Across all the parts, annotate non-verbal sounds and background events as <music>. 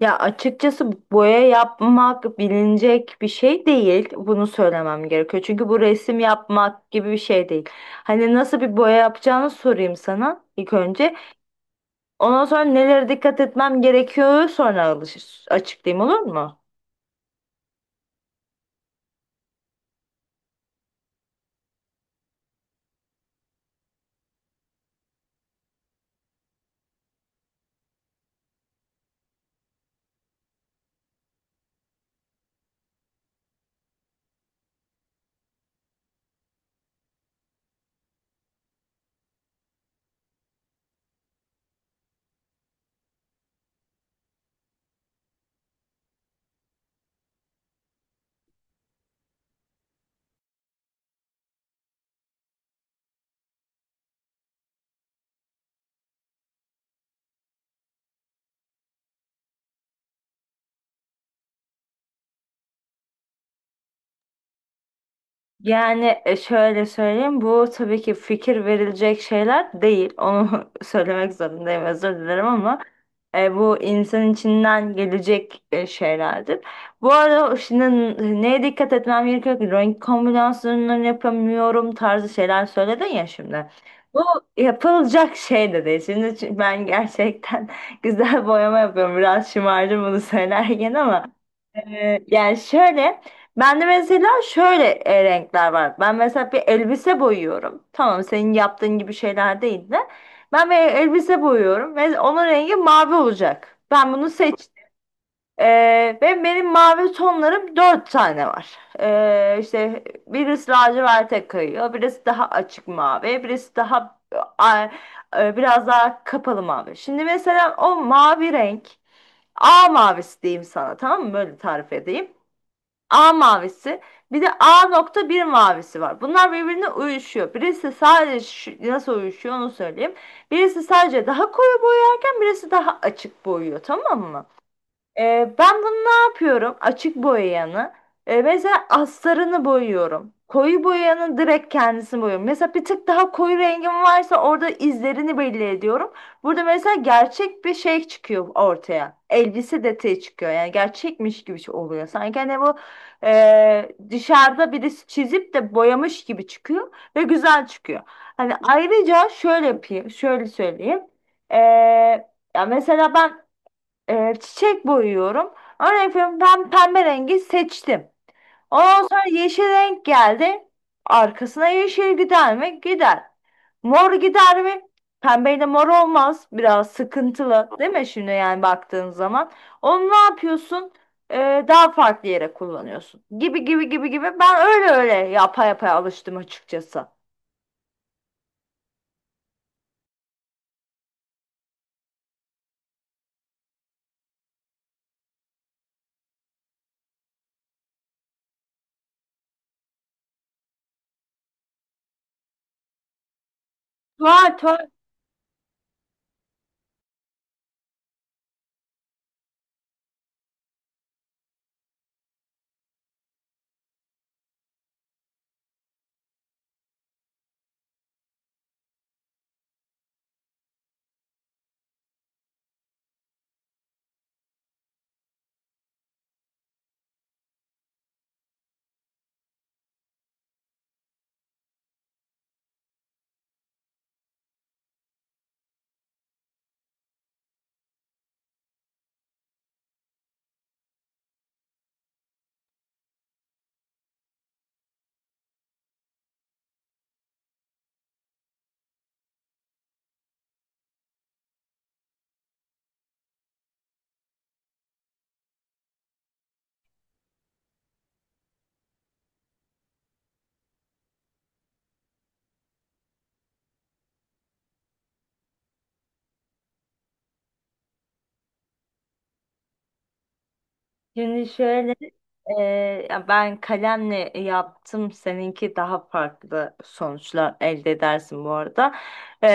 Ya açıkçası boya yapmak bilinecek bir şey değil. Bunu söylemem gerekiyor. Çünkü bu resim yapmak gibi bir şey değil. Hani nasıl bir boya yapacağını sorayım sana ilk önce. Ondan sonra nelere dikkat etmem gerekiyor sonra açıklayayım olur mu? Yani şöyle söyleyeyim bu tabii ki fikir verilecek şeyler değil. Onu <laughs> söylemek zorundayım özür dilerim ama bu insan içinden gelecek şeylerdir. Bu arada şimdi neye dikkat etmem gerekiyor ki? Renk kombinasyonlarını yapamıyorum tarzı şeyler söyledin ya şimdi. Bu yapılacak şey de değil. Şimdi çünkü ben gerçekten <laughs> güzel boyama yapıyorum. Biraz şımardım bunu söylerken ama yani şöyle, ben de mesela şöyle renkler var. Ben mesela bir elbise boyuyorum. Tamam, senin yaptığın gibi şeyler değil de. Ben bir elbise boyuyorum ve onun rengi mavi olacak. Ben bunu seçtim. Ve benim mavi tonlarım dört tane var. İşte birisi laciverte kayıyor, birisi daha açık mavi, birisi daha a- biraz daha kapalı mavi. Şimdi mesela o mavi renk, A mavisi diyeyim sana, tamam mı? Böyle tarif edeyim. A mavisi bir de A nokta bir mavisi var. Bunlar birbirine uyuşuyor. Birisi sadece nasıl uyuşuyor onu söyleyeyim. Birisi sadece daha koyu boyarken birisi daha açık boyuyor tamam mı? Ben bunu ne yapıyorum? Açık boyayanı. Mesela astarını boyuyorum. Koyu boyayanı direkt kendisini boyuyorum. Mesela bir tık daha koyu rengim varsa orada izlerini belli ediyorum. Burada mesela gerçek bir şey çıkıyor ortaya. Elbise detayı çıkıyor. Yani gerçekmiş gibi şey oluyor. Sanki hani bu dışarıda birisi çizip de boyamış gibi çıkıyor ve güzel çıkıyor. Hani ayrıca şöyle yapayım, şöyle söyleyeyim. Ee, Ya mesela ben çiçek boyuyorum. Örnek veriyorum ben pembe rengi seçtim. Ondan sonra yeşil renk geldi. Arkasına yeşil gider mi? Gider. Mor gider mi? Pembeyle mor olmaz. Biraz sıkıntılı değil mi şimdi yani baktığın zaman. Onu ne yapıyorsun? Daha farklı yere kullanıyorsun. Gibi gibi gibi gibi. Ben öyle öyle yapa yapa alıştım açıkçası. Tuval, tuval. Şimdi şöyle e, ya ben kalemle yaptım. Seninki daha farklı sonuçlar elde edersin bu arada. E,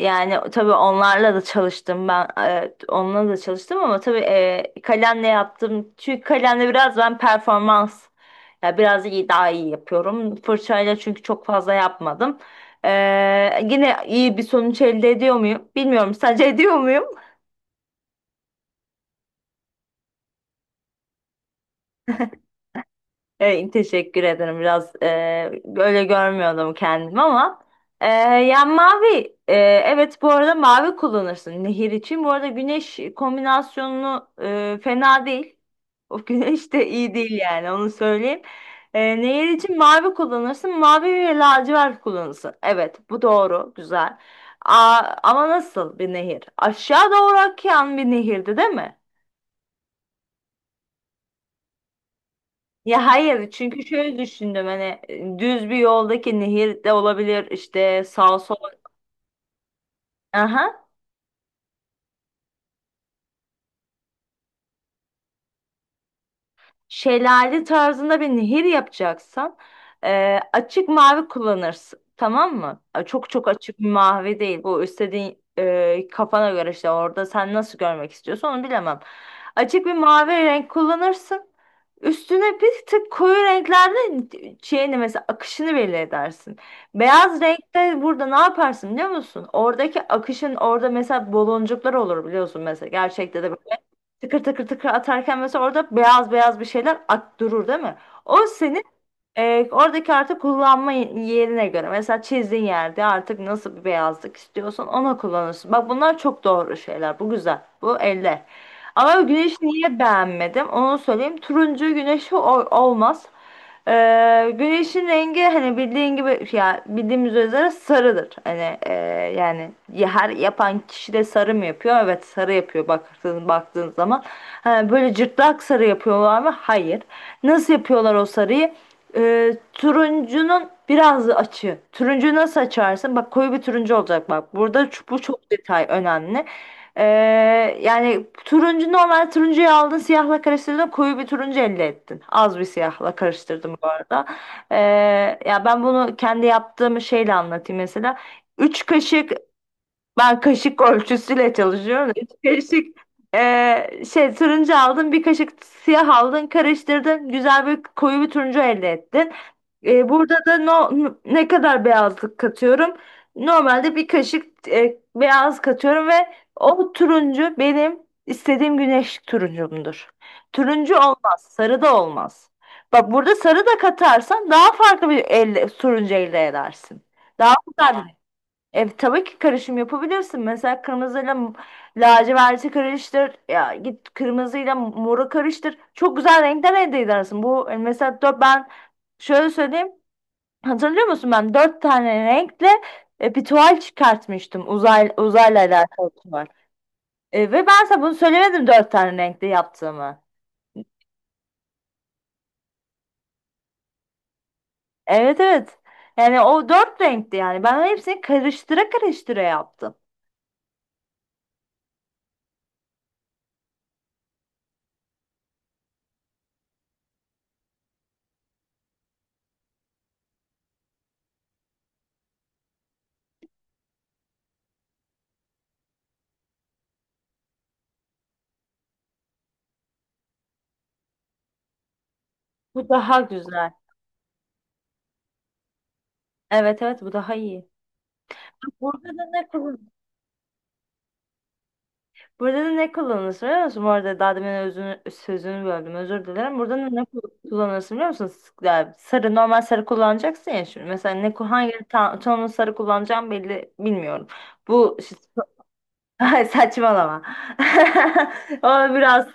yani tabii onlarla da çalıştım ben. Onunla da çalıştım ama tabii kalemle yaptım. Çünkü kalemle biraz ben performans ya biraz iyi daha iyi yapıyorum. Fırçayla çünkü çok fazla yapmadım. E, yine iyi bir sonuç elde ediyor muyum? Bilmiyorum. Sadece <laughs> ediyor muyum? Evet, teşekkür ederim. Biraz böyle görmüyordum kendimi ama e, ya mavi evet bu arada mavi kullanırsın nehir için. Bu arada güneş kombinasyonunu fena değil. O <laughs> güneş de iyi değil yani onu söyleyeyim. Nehir için mavi kullanırsın. Mavi ve lacivert kullanırsın. Evet bu doğru güzel. Aa, ama nasıl bir nehir? Aşağı doğru akan bir nehirdi değil mi? Ya hayır çünkü şöyle düşündüm hani düz bir yoldaki nehir de olabilir işte sağa sola. Aha. Şelale tarzında bir nehir yapacaksan açık mavi kullanırsın. Tamam mı? Çok çok açık bir mavi değil. Bu istediğin kafana göre işte orada sen nasıl görmek istiyorsan onu bilemem. Açık bir mavi renk kullanırsın. Üstüne bir tık koyu renklerle şeyini mesela akışını belli edersin. Beyaz renkte burada ne yaparsın biliyor musun? Oradaki akışın orada mesela baloncuklar olur biliyorsun mesela. Gerçekte de böyle tıkır tıkır tıkır atarken mesela orada beyaz beyaz bir şeyler ak durur değil mi? O senin oradaki artık kullanma yerine göre. Mesela çizdiğin yerde artık nasıl bir beyazlık istiyorsan ona kullanırsın. Bak bunlar çok doğru şeyler. Bu güzel. Bu eller. Ama güneşi niye beğenmedim? Onu söyleyeyim. Turuncu güneşi olmaz. E, güneşin rengi hani bildiğin gibi ya bildiğimiz üzere sarıdır. Hani yani her yapan kişi de sarı mı yapıyor? Evet sarı yapıyor baktığın zaman. Ha, böyle cırtlak sarı yapıyorlar mı? Hayır. Nasıl yapıyorlar o sarıyı? Turuncunun biraz açı. Turuncuyu nasıl açarsın? Bak koyu bir turuncu olacak bak. Burada bu çok detay önemli. Ee, yani turuncu normal turuncuyu aldın siyahla karıştırdın koyu bir turuncu elde ettin. Az bir siyahla karıştırdım bu arada. Ee, ya ben bunu kendi yaptığım şeyle anlatayım mesela. 3 kaşık ben kaşık ölçüsüyle çalışıyorum. Üç kaşık şey turuncu aldın, bir kaşık siyah aldın, karıştırdın. Güzel bir koyu bir turuncu elde ettin. Burada da no, ne kadar beyazlık katıyorum? Normalde bir kaşık beyaz katıyorum ve o turuncu benim istediğim güneş turuncumdur. Turuncu olmaz, sarı da olmaz. Bak burada sarı da katarsan daha farklı bir elde, turuncu elde edersin. Daha güzel tabii ki karışım yapabilirsin. Mesela kırmızıyla laciverti karıştır. Ya git kırmızıyla moru karıştır. Çok güzel renkler elde edersin. Bu mesela dört, ben şöyle söyleyeyim. Hatırlıyor musun? Ben dört tane renkle bir tuval çıkartmıştım. Uzayla alakalı tuval. Ve ben sana bunu söylemedim dört tane renkle yaptığımı. Evet, evet. Yani o dört renkti yani. Ben hepsini karıştıra karıştıra yaptım. Bu daha güzel. Evet, evet, bu daha iyi. Burada da ne kullan Burada da ne kullanırsın biliyor musun? Bu arada daha demin özünü, sözünü böldüm özür dilerim. Burada da ne kullanırsın biliyor musun? Yani sarı normal sarı kullanacaksın ya şimdi. Mesela hangi tonun sarı kullanacağım belli bilmiyorum. Bu Ay, saçmalama. <laughs> O biraz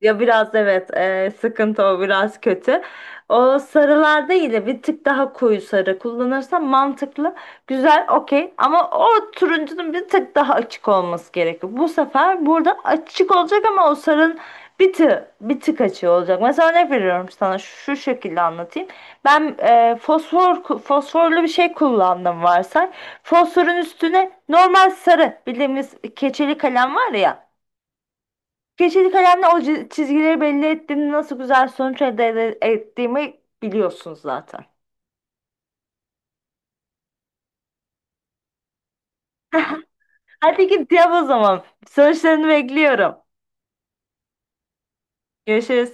ya biraz evet sıkıntı o biraz kötü. O sarılar değil de bir tık daha koyu sarı kullanırsan mantıklı, güzel, okey. Ama o turuncunun bir tık daha açık olması gerekiyor. Bu sefer burada açık olacak ama o sarının bir tık bir tık açığı olacak. Mesela örnek veriyorum sana şu şekilde anlatayım. Ben fosforlu bir şey kullandım varsa. Fosforun üstüne normal sarı bildiğimiz keçeli kalem var ya. Keçeli kalemle o çizgileri belli ettiğimde nasıl güzel sonuç elde ettiğimi biliyorsunuz zaten. Hadi git yap o zaman. Sonuçlarını bekliyorum. Görüşürüz.